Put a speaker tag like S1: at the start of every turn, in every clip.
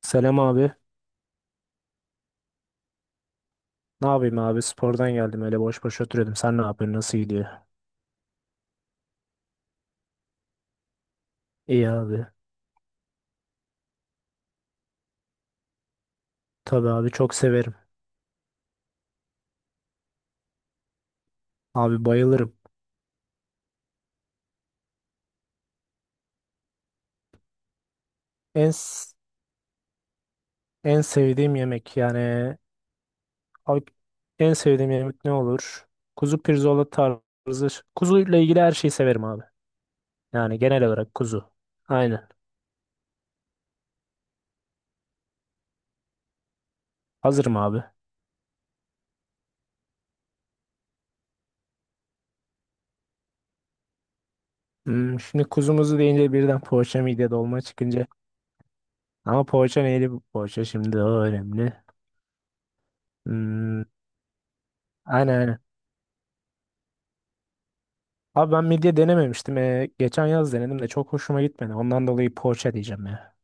S1: Selam abi. Ne yapayım abi? Spordan geldim öyle boş boş oturuyordum. Sen ne yapıyorsun? Nasıl gidiyor? İyi abi. Tabii abi çok severim. Abi bayılırım. En s- en sevdiğim yemek yani abi, en sevdiğim yemek ne olur? Kuzu pirzola tarzı. Kuzuyla ilgili her şeyi severim abi. Yani genel olarak kuzu. Aynen. Hazırım abi. Hmm, şimdi kuzumuzu deyince birden poğaça midye dolma çıkınca. Ama poğaça neydi bu poğaça şimdi o önemli. Hmm, aynen aynen. Abi ben midye denememiştim. Geçen yaz denedim de çok hoşuma gitmedi. Ondan dolayı poğaça diyeceğim ya.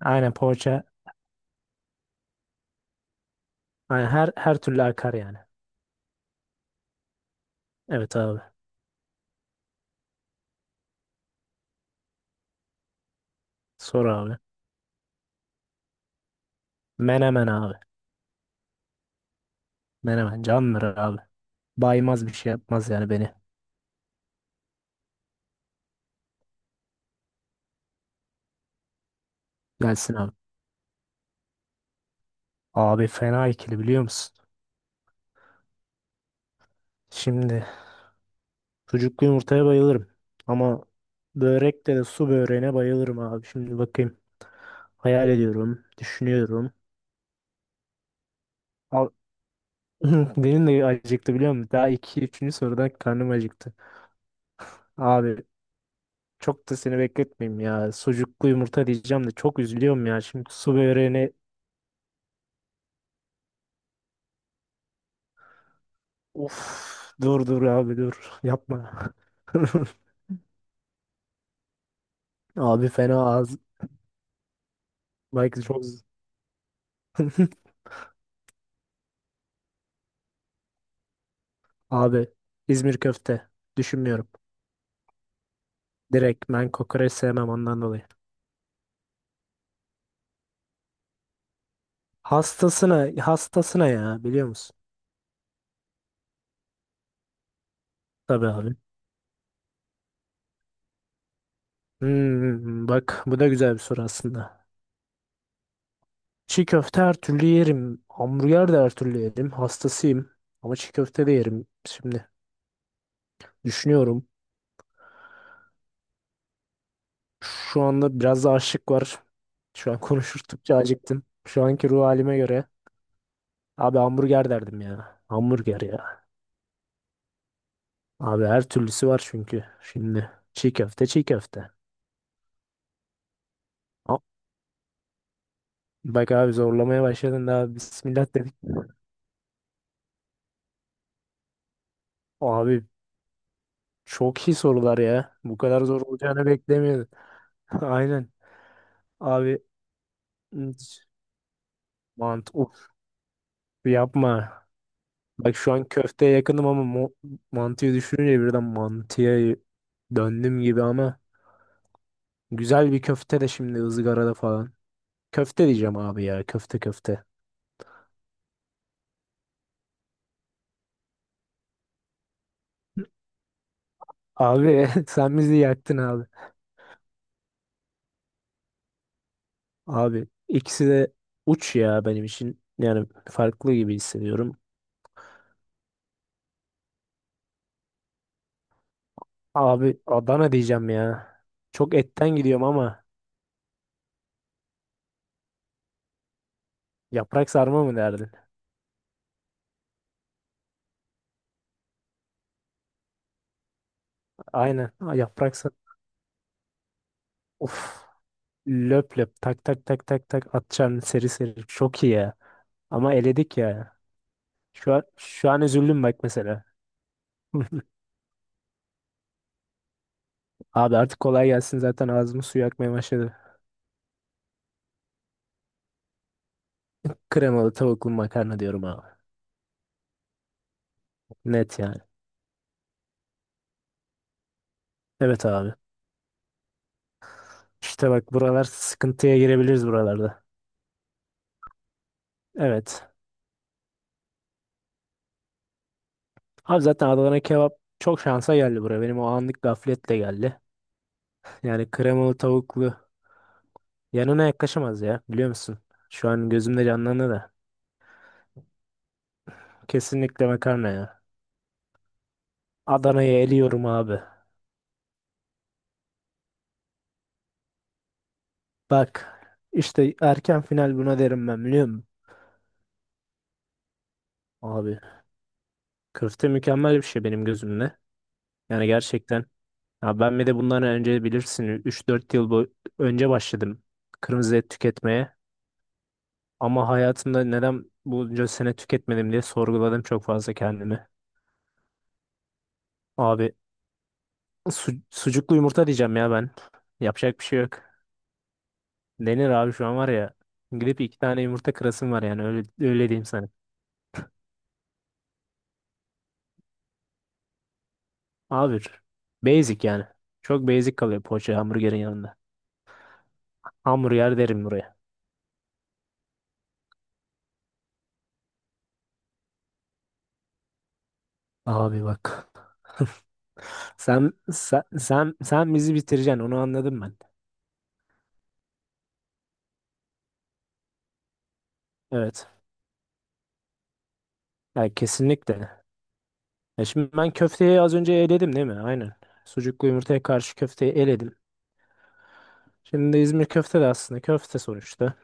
S1: Aynen poğaça. Aynen her türlü akar yani. Evet abi. Sor abi. Menemen abi. Menemen candır abi. Baymaz bir şey yapmaz yani beni. Gelsin abi. Abi fena ikili biliyor musun? Şimdi sucuklu yumurtaya bayılırım. Ama börekte de su böreğine bayılırım abi. Şimdi bakayım. Hayal ediyorum. Düşünüyorum. Al- Benim de acıktı biliyor musun? Daha iki, üçüncü sorudan karnım acıktı. Abi çok da seni bekletmeyeyim ya. Sucuklu yumurta diyeceğim de çok üzülüyorum ya. Şimdi su böreğini uf, dur abi dur. Yapma. Abi fena ağız. Bak çok z- Abi İzmir köfte düşünmüyorum. Direkt ben kokoreç sevmem ondan dolayı. Hastasına hastasına ya biliyor musun? Tabii abi. Hmm, bak bu da güzel bir soru aslında. Çiğ köfte her türlü yerim. Hamburger de her türlü yerim. Hastasıyım. Ama çiğ köfte de yerim. Şimdi düşünüyorum. Şu anda biraz da açlık var. Şu an konuştukça acıktım. Şu anki ruh halime göre. Abi hamburger derdim ya. Hamburger ya. Abi her türlüsü var çünkü. Şimdi çiğ köfte. A- Bak abi zorlamaya başladın daha. Bismillah dedik. Abi çok iyi sorular ya. Bu kadar zor olacağını beklemiyordum. Aynen. Abi mantı uf yapma. Bak şu an köfteye yakınım ama mantıyı düşününce birden mantıya döndüm gibi ama güzel bir köfte de şimdi ızgarada falan. Köfte diyeceğim abi ya. Köfte. Abi sen bizi yaktın abi. Abi ikisi de uç ya benim için. Yani farklı gibi hissediyorum. Abi Adana diyeceğim ya. Çok etten gidiyorum ama yaprak sarma mı derdin? Aynen. Ha, yaprak sarma. Of. Löp löp tak tak tak tak tak atacağım seri seri. Çok iyi ya. Ama eledik ya. Şu an üzüldüm bak mesela. Abi artık kolay gelsin zaten ağzımı suyu akmaya başladı. Kremalı tavuklu makarna diyorum abi. Net yani. Evet abi. İşte bak buralar sıkıntıya girebiliriz buralarda. Evet. Abi zaten Adana kebap çok şansa geldi buraya. Benim o anlık gafletle geldi. Yani kremalı tavuklu yanına yaklaşamaz ya biliyor musun? Şu an gözümde canlandı da. Kesinlikle makarna ya. Adana'yı eliyorum abi. Bak işte erken final buna derim ben biliyor musun? Abi köfte mükemmel bir şey benim gözümde. Yani gerçekten ya ben bir de bundan önce bilirsin üç dört yıl bu önce başladım kırmızı et tüketmeye. Ama hayatımda neden bunca sene tüketmedim diye sorguladım çok fazla kendimi. Abi sucuklu yumurta diyeceğim ya ben. Yapacak bir şey yok. Denir abi şu an var ya. Gidip iki tane yumurta kırasım var yani öyle diyeyim sana. Abi basic yani. Çok basic kalıyor poğaça hamburgerin yanında. Hamburger derim buraya. Abi bak. Sen bizi bitireceksin onu anladım ben. Evet. Yani kesinlikle. Ya şimdi ben köfteyi az önce eledim değil mi? Aynen. Sucuklu yumurtaya karşı köfteyi eledim. Şimdi İzmir köfte de aslında köfte sonuçta.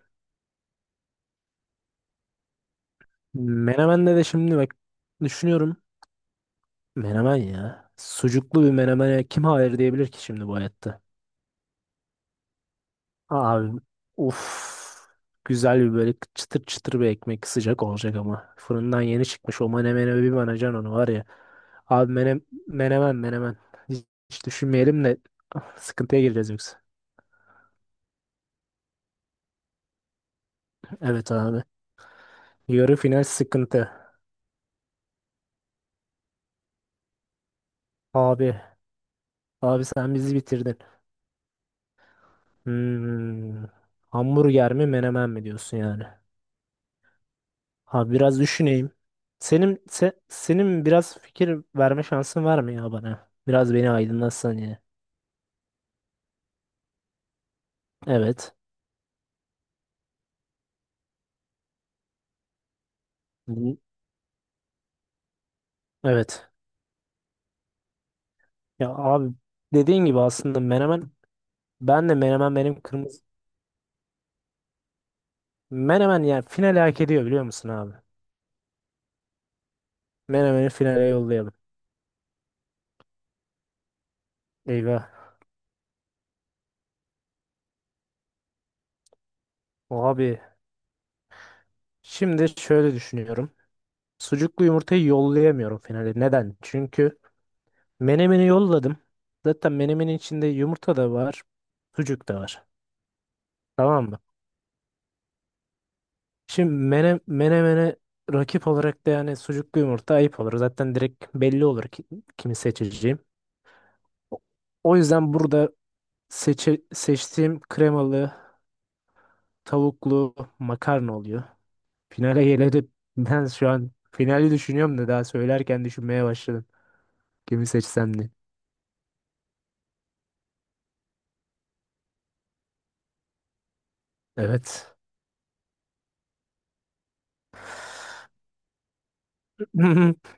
S1: Menemen'de de şimdi bak düşünüyorum. Menemen ya. Sucuklu bir menemene kim hayır diyebilir ki şimdi bu hayatta? Abi uff. Güzel bir böyle çıtır çıtır bir ekmek sıcak olacak ama. Fırından yeni çıkmış o menemene bir banacan onu var ya. Abi menemen menemen. Hiç düşünmeyelim de ah, sıkıntıya gireceğiz yoksa. Evet abi. Yarı final sıkıntı. Abi. Abi sen bizi bitirdin. Hmm. Hamburger mi menemen mi diyorsun yani? Abi biraz düşüneyim. Senin biraz fikir verme şansın var mı ya bana? Biraz beni aydınlatsan ya. Evet. Bu- Evet. Ya abi dediğin gibi aslında menemen ben de menemen benim kırmızı menemen yani finale hak ediyor biliyor musun abi? Menemen'i finale yollayalım. Eyvah. Abi şimdi şöyle düşünüyorum. Sucuklu yumurtayı yollayamıyorum finale. Neden? Çünkü menemeni yolladım. Zaten menemenin içinde yumurta da var, sucuk da var. Tamam mı? Şimdi menemene rakip olarak da yani sucuklu yumurta ayıp olur. Zaten direkt belli olur ki, kimi seçeceğim. O o yüzden burada seçtiğim kremalı, tavuklu makarna oluyor. Finale gelelim. Ben şu an finali düşünüyorum da daha söylerken düşünmeye başladım. Kimi seçsem diye. Evet.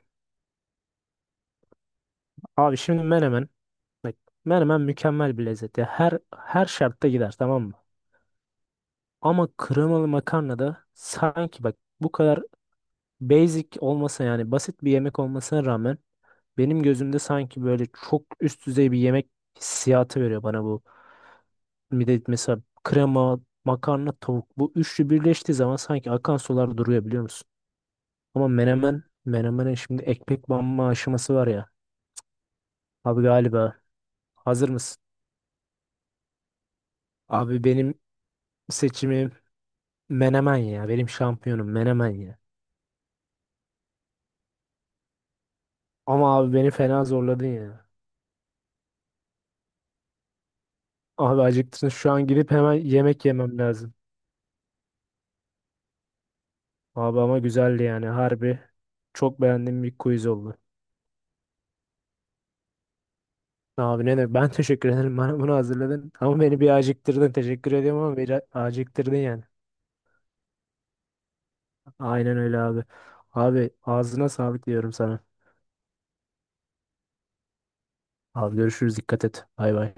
S1: Abi şimdi menemen, bak, menemen mükemmel bir lezzet ya. Her şartta gider tamam mı? Ama kremalı makarna da sanki bak bu kadar basic olmasa yani basit bir yemek olmasına rağmen benim gözümde sanki böyle çok üst düzey bir yemek hissiyatı veriyor bana bu. Bir de mesela krema, makarna, tavuk bu üçlü birleştiği zaman sanki akan sular duruyor biliyor musun? Ama menemen, menemenin şimdi ekmek banma aşaması var ya. Abi galiba hazır mısın? Abi benim seçimim menemen ya. Benim şampiyonum menemen ya. Ama abi beni fena zorladın ya. Abi acıktın. Şu an gidip hemen yemek yemem lazım. Abi ama güzeldi yani. Harbi çok beğendiğim bir quiz oldu. Abi ne demek? Ben teşekkür ederim. Bana bunu hazırladın. Ama beni bir acıktırdın. Teşekkür ediyorum ama beni acıktırdın yani. Aynen öyle abi. Abi ağzına sağlık diyorum sana. Abi görüşürüz. Dikkat et. Bay bay.